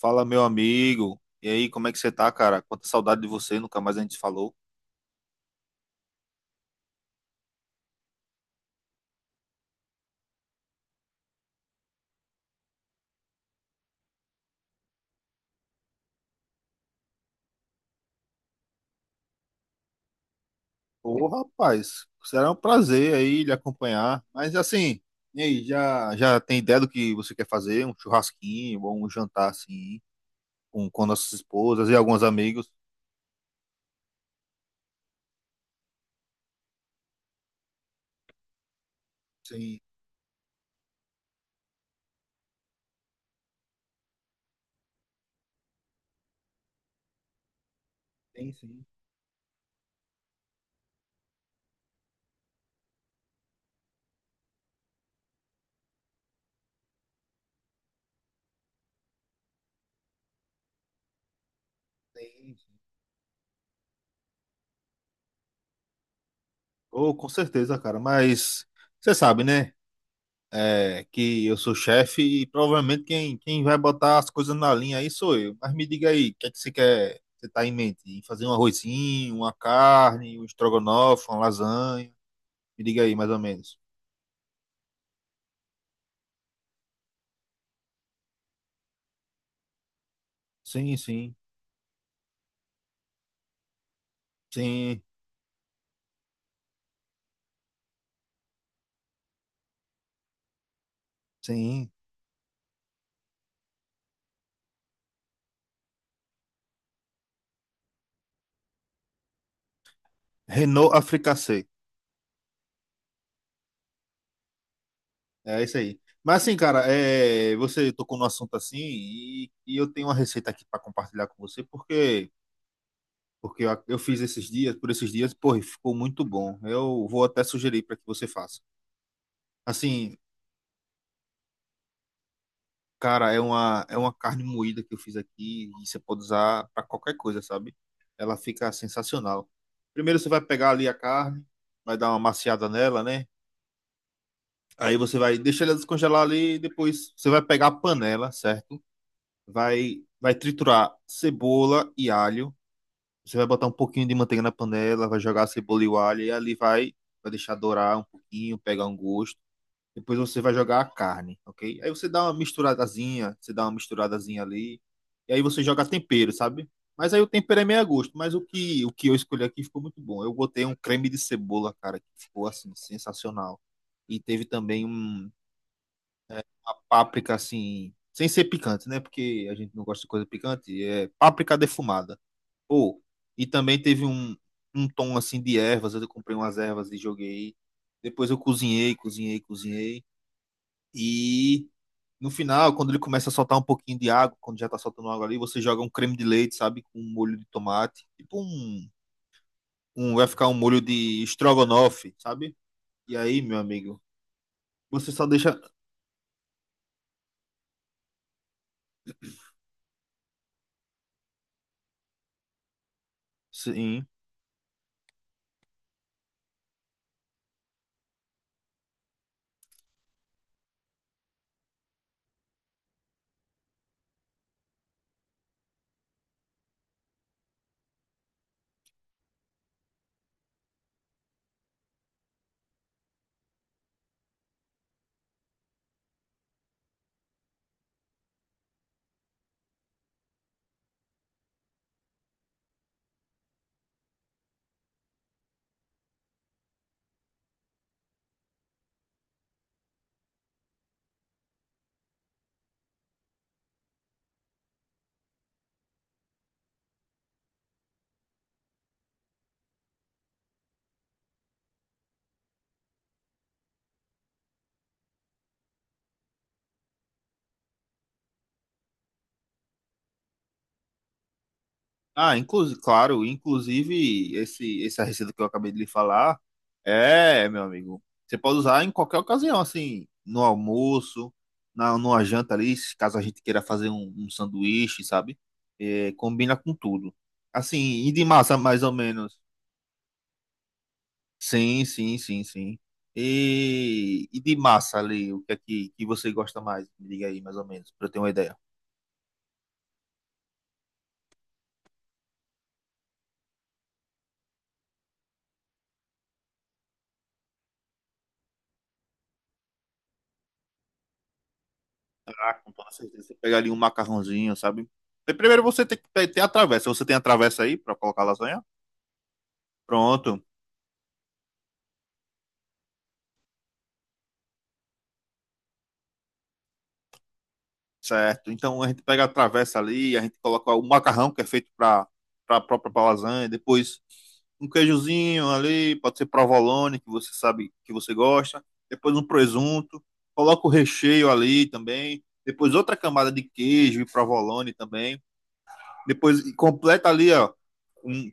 Fala, meu amigo. E aí, como é que você tá, cara? Quanta saudade de você, nunca mais a gente falou. Ô, rapaz, será um prazer aí lhe acompanhar. Mas assim, e aí, já tem ideia do que você quer fazer? Um churrasquinho ou um jantar assim, com nossas esposas e alguns amigos? Sim, tem sim, tem sim. Ô, com certeza, cara. Mas você sabe, né? Que eu sou chefe e provavelmente quem vai botar as coisas na linha aí sou eu. Mas me diga aí, o que é que você quer, você tá em mente? Em fazer um arrozinho, uma carne, um estrogonofe, uma lasanha? Me diga aí, mais ou menos. Sim, sim, sim, sim. Renault Africassé. É isso aí. Mas assim, cara, é, você tocou no assunto assim e eu tenho uma receita aqui para compartilhar com você, porque eu fiz esses dias, por esses dias, pô, e ficou muito bom. Eu vou até sugerir para que você faça. Assim, cara, é é uma carne moída que eu fiz aqui e você pode usar para qualquer coisa, sabe? Ela fica sensacional. Primeiro você vai pegar ali a carne, vai dar uma maciada nela, né? Aí você vai deixar ela descongelar ali e depois você vai pegar a panela, certo? Vai triturar cebola e alho. Você vai botar um pouquinho de manteiga na panela, vai jogar a cebola e o alho e ali vai deixar dourar um pouquinho, pegar um gosto. Depois você vai jogar a carne, ok? Aí você dá uma misturadazinha, você dá uma misturadazinha ali. E aí você joga tempero, sabe? Mas aí o tempero é meio a gosto. Mas o que eu escolhi aqui ficou muito bom. Eu botei um creme de cebola, cara, que ficou assim, sensacional. E teve também uma páprica assim, sem ser picante, né? Porque a gente não gosta de coisa picante. É páprica defumada. Pô, e também teve um tom assim de ervas. Eu comprei umas ervas e joguei. Depois eu cozinhei, cozinhei, cozinhei. E no final, quando ele começa a soltar um pouquinho de água, quando já tá soltando água ali, você joga um creme de leite, sabe? Com um molho de tomate. Tipo um vai ficar um molho de estrogonofe, sabe? E aí, meu amigo, você só deixa. Sim. Ah, inclusive, claro, inclusive esse essa receita que eu acabei de lhe falar, meu amigo, você pode usar em qualquer ocasião, assim, no almoço, na numa janta ali, se caso a gente queira fazer um sanduíche, sabe? É, combina com tudo. Assim, e de massa mais ou menos. Sim, sim, sim, sim. E de massa ali, o que é que você gosta mais? Me diga aí mais ou menos, para eu ter uma ideia. Ah, com toda certeza. Você pega ali um macarrãozinho, sabe? E primeiro você tem que ter a travessa. Você tem a travessa aí pra colocar a lasanha? Pronto, certo. Então a gente pega a travessa ali, a gente coloca o macarrão que é feito pra para própria pra lasanha, depois um queijozinho ali, pode ser provolone, que você sabe que você gosta, depois um presunto, coloca o recheio ali também, depois outra camada de queijo e provolone também, depois e completa ali, ó, um,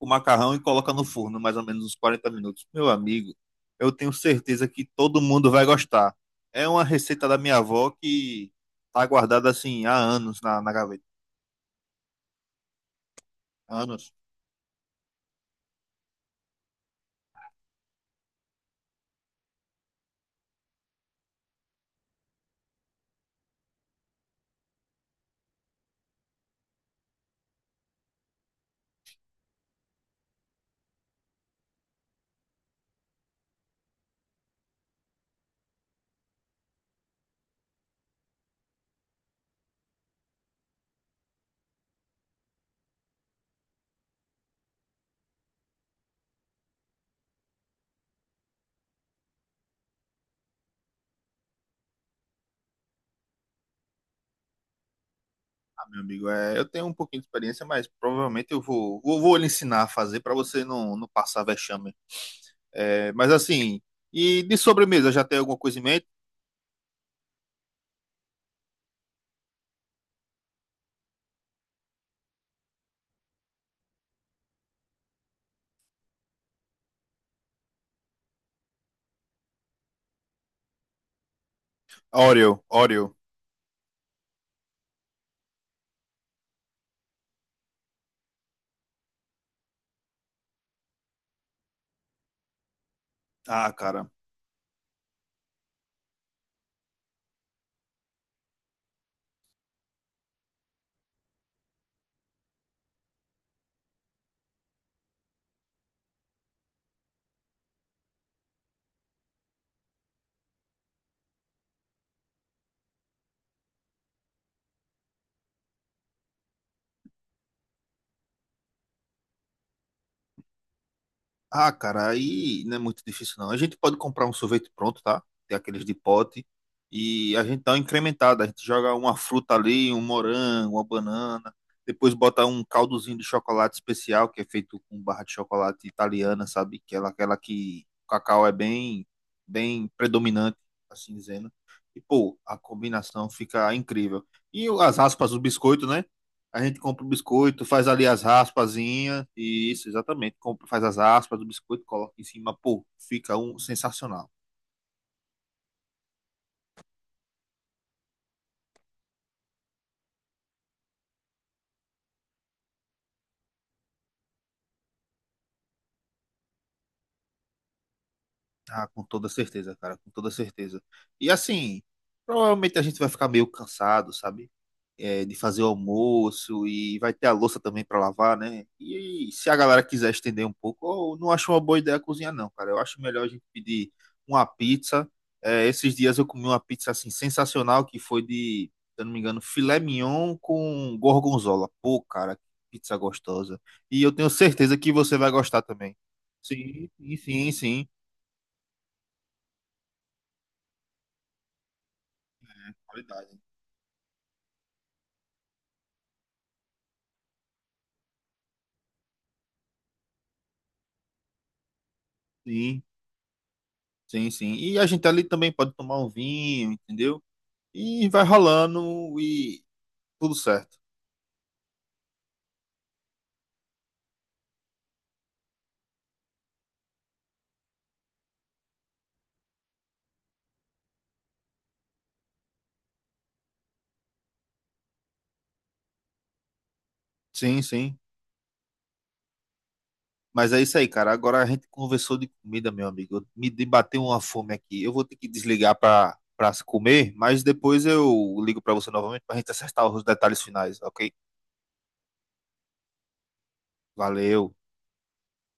o macarrão e coloca no forno mais ou menos uns 40 minutos. Meu amigo, eu tenho certeza que todo mundo vai gostar. É uma receita da minha avó que tá guardada assim há anos na gaveta. Anos, ah, meu amigo. É, eu tenho um pouquinho de experiência, mas provavelmente eu vou lhe ensinar a fazer para você não passar vexame. É, mas assim, e de sobremesa, já tem alguma coisa em mente? Oreo, Oreo. Ah, cara, Ah, cara, aí não é muito difícil não. A gente pode comprar um sorvete pronto, tá? Tem aqueles de pote. E a gente dá uma incrementada. A gente joga uma fruta ali, um morango, uma banana. Depois bota um caldozinho de chocolate especial, que é feito com barra de chocolate italiana, sabe? Que é aquela que o cacau é bem, bem predominante, assim dizendo. E, pô, a combinação fica incrível. E as raspas do biscoito, né? A gente compra o biscoito, faz ali as raspazinhas. Isso, exatamente. Compra, faz as raspas do biscoito, coloca em cima. Pô, fica um sensacional. Ah, com toda certeza, cara, com toda certeza. E assim, provavelmente a gente vai ficar meio cansado, sabe? É, de fazer o almoço e vai ter a louça também pra lavar, né? E se a galera quiser estender um pouco, eu não acho uma boa ideia cozinhar, não, cara. Eu acho melhor a gente pedir uma pizza. É, esses dias eu comi uma pizza assim sensacional que foi de, se eu não me engano, filé mignon com gorgonzola. Pô, cara, que pizza gostosa. E eu tenho certeza que você vai gostar também. Sim, sim, sim. Sim. Qualidade. Sim, sim, sim. E a gente ali também pode tomar um vinho, entendeu? E vai rolando e tudo certo. Sim, sim. Mas é isso aí, cara. Agora a gente conversou de comida, meu amigo. Bateu uma fome aqui. Eu vou ter que desligar para se comer, mas depois eu ligo para você novamente para a gente acertar os detalhes finais, ok? Valeu.